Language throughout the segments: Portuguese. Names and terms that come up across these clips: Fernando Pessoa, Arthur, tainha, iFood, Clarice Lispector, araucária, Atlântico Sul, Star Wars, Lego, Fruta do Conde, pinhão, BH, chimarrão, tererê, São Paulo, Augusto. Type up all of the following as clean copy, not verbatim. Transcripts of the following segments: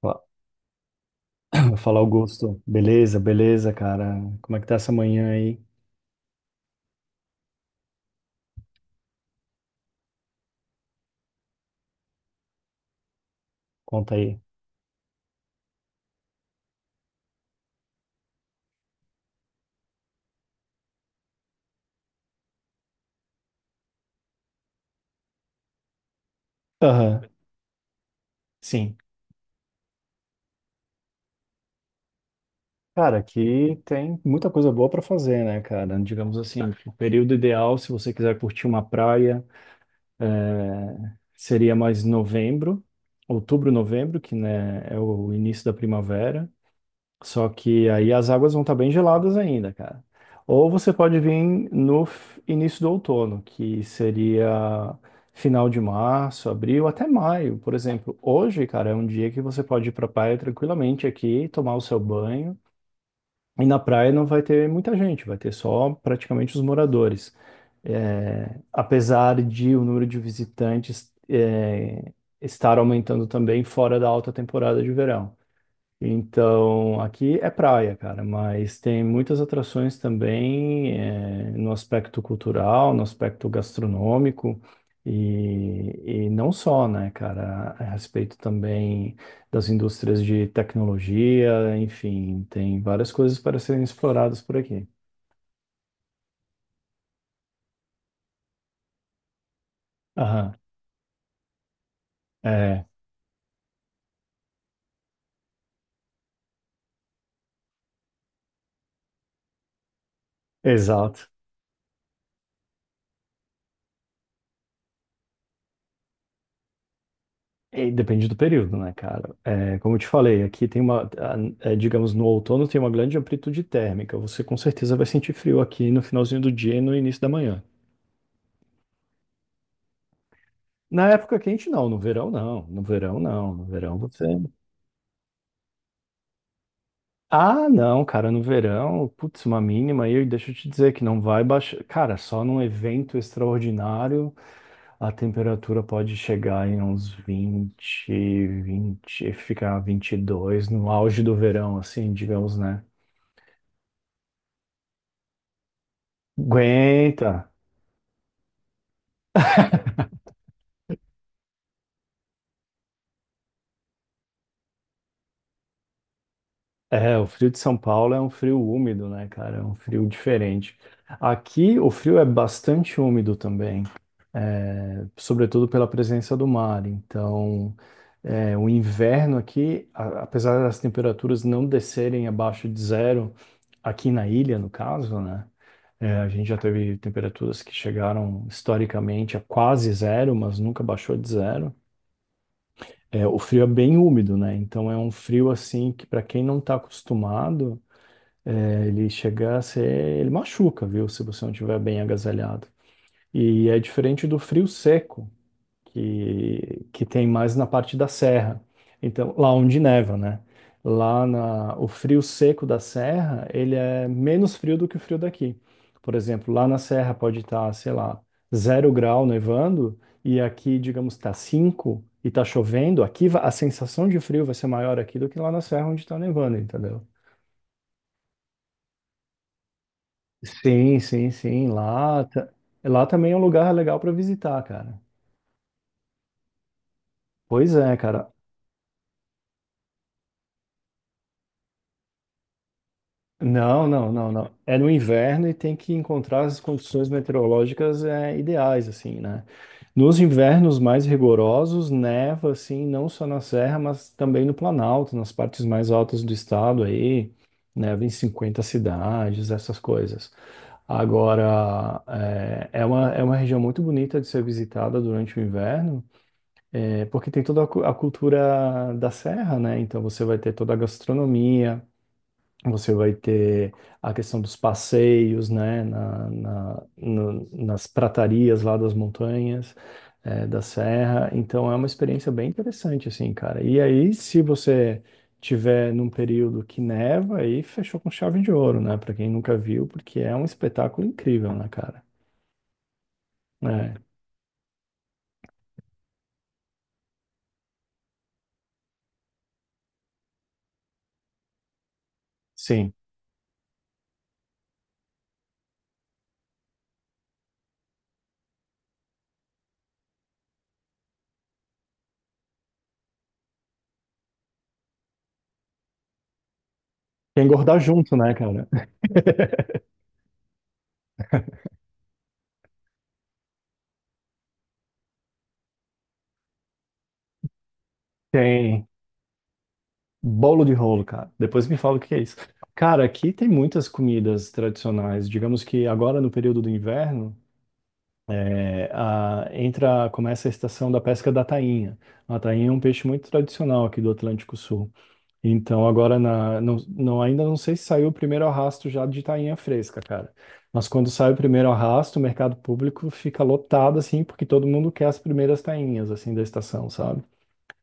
Fa- Fala, Augusto. Beleza, beleza, cara. Como é que tá essa manhã aí? Conta aí. Aham, sim. Cara, aqui tem muita coisa boa pra fazer, né, cara? Digamos assim, o período ideal, se você quiser curtir uma praia, seria mais novembro, outubro, novembro, que né, é o início da primavera. Só que aí as águas vão estar bem geladas ainda, cara. Ou você pode vir no início do outono, que seria final de março, abril, até maio, por exemplo. Hoje, cara, é um dia que você pode ir pra praia tranquilamente aqui, tomar o seu banho. E na praia não vai ter muita gente, vai ter só praticamente os moradores. É, apesar de o número de visitantes estar aumentando também fora da alta temporada de verão. Então, aqui é praia, cara, mas tem muitas atrações também, no aspecto cultural, no aspecto gastronômico, e não só, né, cara, a respeito também das indústrias de tecnologia, enfim, tem várias coisas para serem exploradas por aqui. Aham, é, exato. E depende do período, né, cara? É, como eu te falei, aqui tem é, digamos, no outono tem uma grande amplitude térmica. Você com certeza vai sentir frio aqui no finalzinho do dia e no início da manhã. Na época quente, não. No verão, não. No verão, não. No verão, você. Ah, não, cara, no verão, putz, uma mínima aí. Deixa eu te dizer que não vai baixar. Cara, só num evento extraordinário a temperatura pode chegar em uns 20, 20, ficar 22 no auge do verão, assim, digamos, né? Aguenta. É, o frio de São Paulo é um frio úmido, né, cara? É um frio diferente. Aqui o frio é bastante úmido também, sobretudo pela presença do mar. Então, o inverno aqui, apesar das temperaturas não descerem abaixo de 0, aqui na ilha, no caso, né? é, a gente já teve temperaturas que chegaram historicamente a quase 0, mas nunca baixou de 0. É, o frio é bem úmido, né? Então é um frio assim que para quem não está acostumado. É, ele chega a ser, ele machuca, viu? Se você não estiver bem agasalhado. E é diferente do frio seco, que tem mais na parte da serra. Então, lá onde neva, né? O frio seco da serra, ele é menos frio do que o frio daqui. Por exemplo, lá na serra pode estar, sei lá, 0 grau nevando, e aqui, digamos, está 5 e está chovendo. A sensação de frio vai ser maior aqui do que lá na serra onde está nevando, entendeu? Sim, sim, sim. Lá também é um lugar legal para visitar, cara. Pois é, cara. Não, não, não, não. É no inverno e tem que encontrar as condições meteorológicas ideais, assim, né? Nos invernos mais rigorosos, neva, assim, não só na serra, mas também no Planalto, nas partes mais altas do estado aí, neva em 50 cidades, essas coisas. Agora, é uma região muito bonita de ser visitada durante o inverno. É porque tem toda a a cultura da serra, né? Então você vai ter toda a gastronomia, você vai ter a questão dos passeios, né? Nas pratarias lá das montanhas, da serra. Então é uma experiência bem interessante, assim, cara. E aí, se você tiver num período que neva, aí fechou com chave de ouro, né? Pra quem nunca viu, porque é um espetáculo incrível, né, cara? É, sim. Quer engordar junto, né, cara? Tem. Bolo de rolo, cara. Depois me fala o que é isso. Cara, aqui tem muitas comidas tradicionais. Digamos que agora no período do inverno, entra, começa a estação da pesca da tainha. A tainha é um peixe muito tradicional aqui do Atlântico Sul. Então agora ainda não sei se saiu o primeiro arrasto já de tainha fresca, cara. Mas quando sai o primeiro arrasto, o mercado público fica lotado assim, porque todo mundo quer as primeiras tainhas assim da estação, sabe?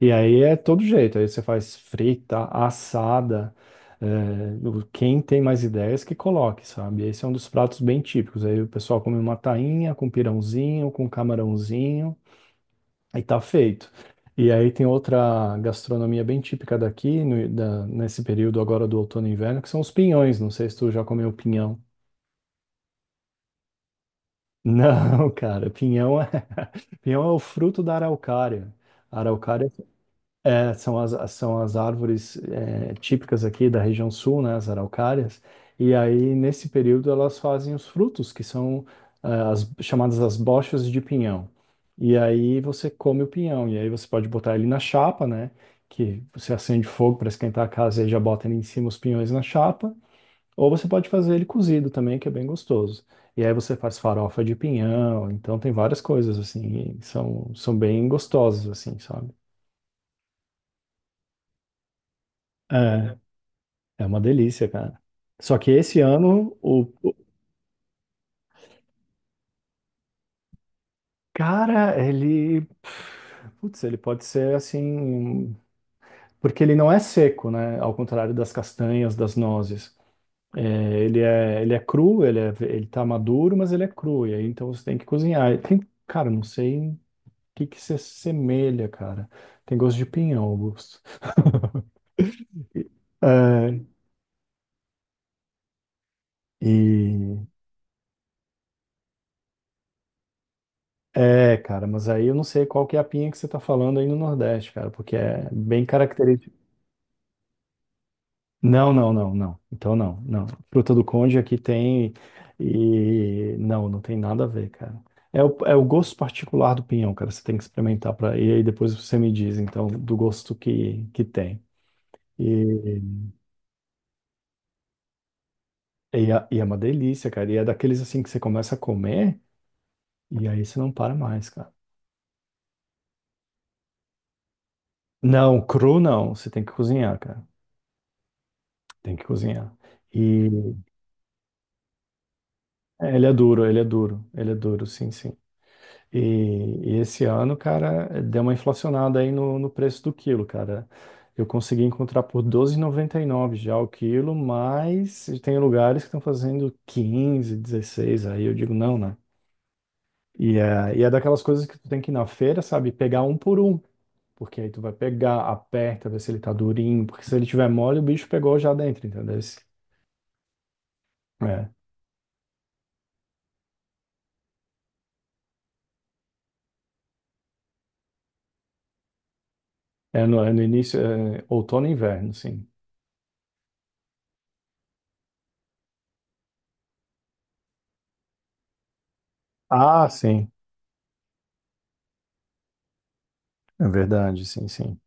E aí é todo jeito, aí você faz frita, assada, quem tem mais ideias que coloque, sabe? Esse é um dos pratos bem típicos, aí o pessoal come uma tainha com pirãozinho, com camarãozinho, aí tá feito. E aí tem outra gastronomia bem típica daqui, nesse período agora do outono e inverno, que são os pinhões, não sei se tu já comeu pinhão. Não, cara, pinhão é, pinhão é o fruto da araucária. A araucária. É, são são as árvores típicas aqui da região sul, né, as araucárias, e aí nesse período elas fazem os frutos, que são chamadas as bochas de pinhão. E aí você come o pinhão, e aí você pode botar ele na chapa, né, que você acende fogo para esquentar a casa e aí já bota ali em cima os pinhões na chapa, ou você pode fazer ele cozido também, que é bem gostoso. E aí você faz farofa de pinhão, então tem várias coisas assim, e são bem gostosas assim, sabe? É, é uma delícia, cara. Só que esse ano, o cara, ele. Putz, ele pode ser assim. Porque ele não é seco, né? Ao contrário das castanhas, das nozes. É, ele é cru, ele tá maduro, mas ele é cru. E aí, então você tem que cozinhar. E tem, cara, não sei o que que se assemelha, cara. Tem gosto de pinhão, Augusto. É, e. É, cara, mas aí eu não sei qual que é a pinha que você tá falando aí no Nordeste, cara, porque é bem característico. Não, não, não, não. Então não, não. Fruta do Conde aqui tem e não, não tem nada a ver, cara. É o gosto particular do pinhão, cara. Você tem que experimentar para e aí depois você me diz, então, do gosto que tem. E, e é uma delícia, cara. E é daqueles assim que você começa a comer e aí você não para mais, cara. Não, cru não. Você tem que cozinhar, cara. Tem que cozinhar. E ele é duro, ele é duro, ele é duro, sim, sim. E, e esse ano, cara, deu uma inflacionada aí no preço do quilo, cara. Eu consegui encontrar por 12,99 já o quilo, mas tem lugares que estão fazendo 15, 16. Aí eu digo não, né? E é daquelas coisas que tu tem que ir na feira, sabe? Pegar um por um, porque aí tu vai pegar, aperta, ver se ele tá durinho, porque se ele tiver mole, o bicho pegou já dentro, entendeu? É, é no início, é outono e inverno, sim. Ah, sim, é verdade, sim, sim.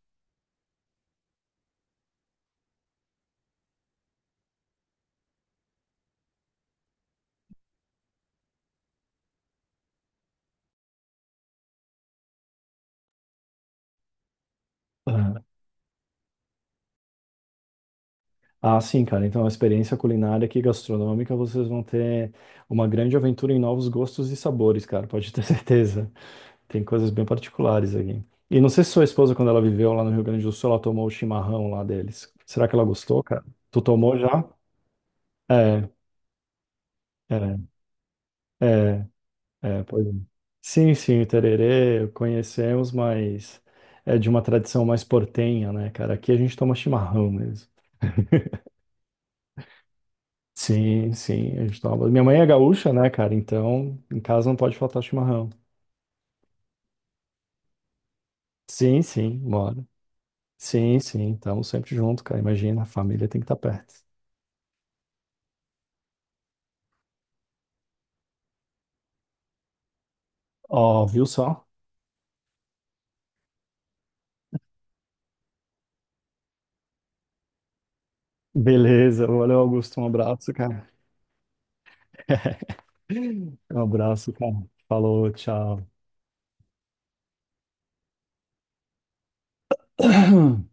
Ah, sim, cara. Então, a experiência culinária aqui gastronômica, vocês vão ter uma grande aventura em novos gostos e sabores, cara. Pode ter certeza. Tem coisas bem particulares aqui. E não sei se sua esposa, quando ela viveu lá no Rio Grande do Sul, ela tomou o chimarrão lá deles. Será que ela gostou, cara? Tu tomou já? É, é, é, é, pois é. Sim, sim, o tererê conhecemos, mas é de uma tradição mais portenha, né, cara? Aqui a gente toma chimarrão mesmo. Sim, sim, a gente toma. Minha mãe é gaúcha, né, cara? Então, em casa não pode faltar chimarrão. Sim, sim, bora. Sim, sim, estamos sempre junto, cara. Imagina, a família tem que estar perto. Ó, viu só? Beleza, valeu, Augusto. Um abraço, cara. Um abraço, cara. Falou, tchau.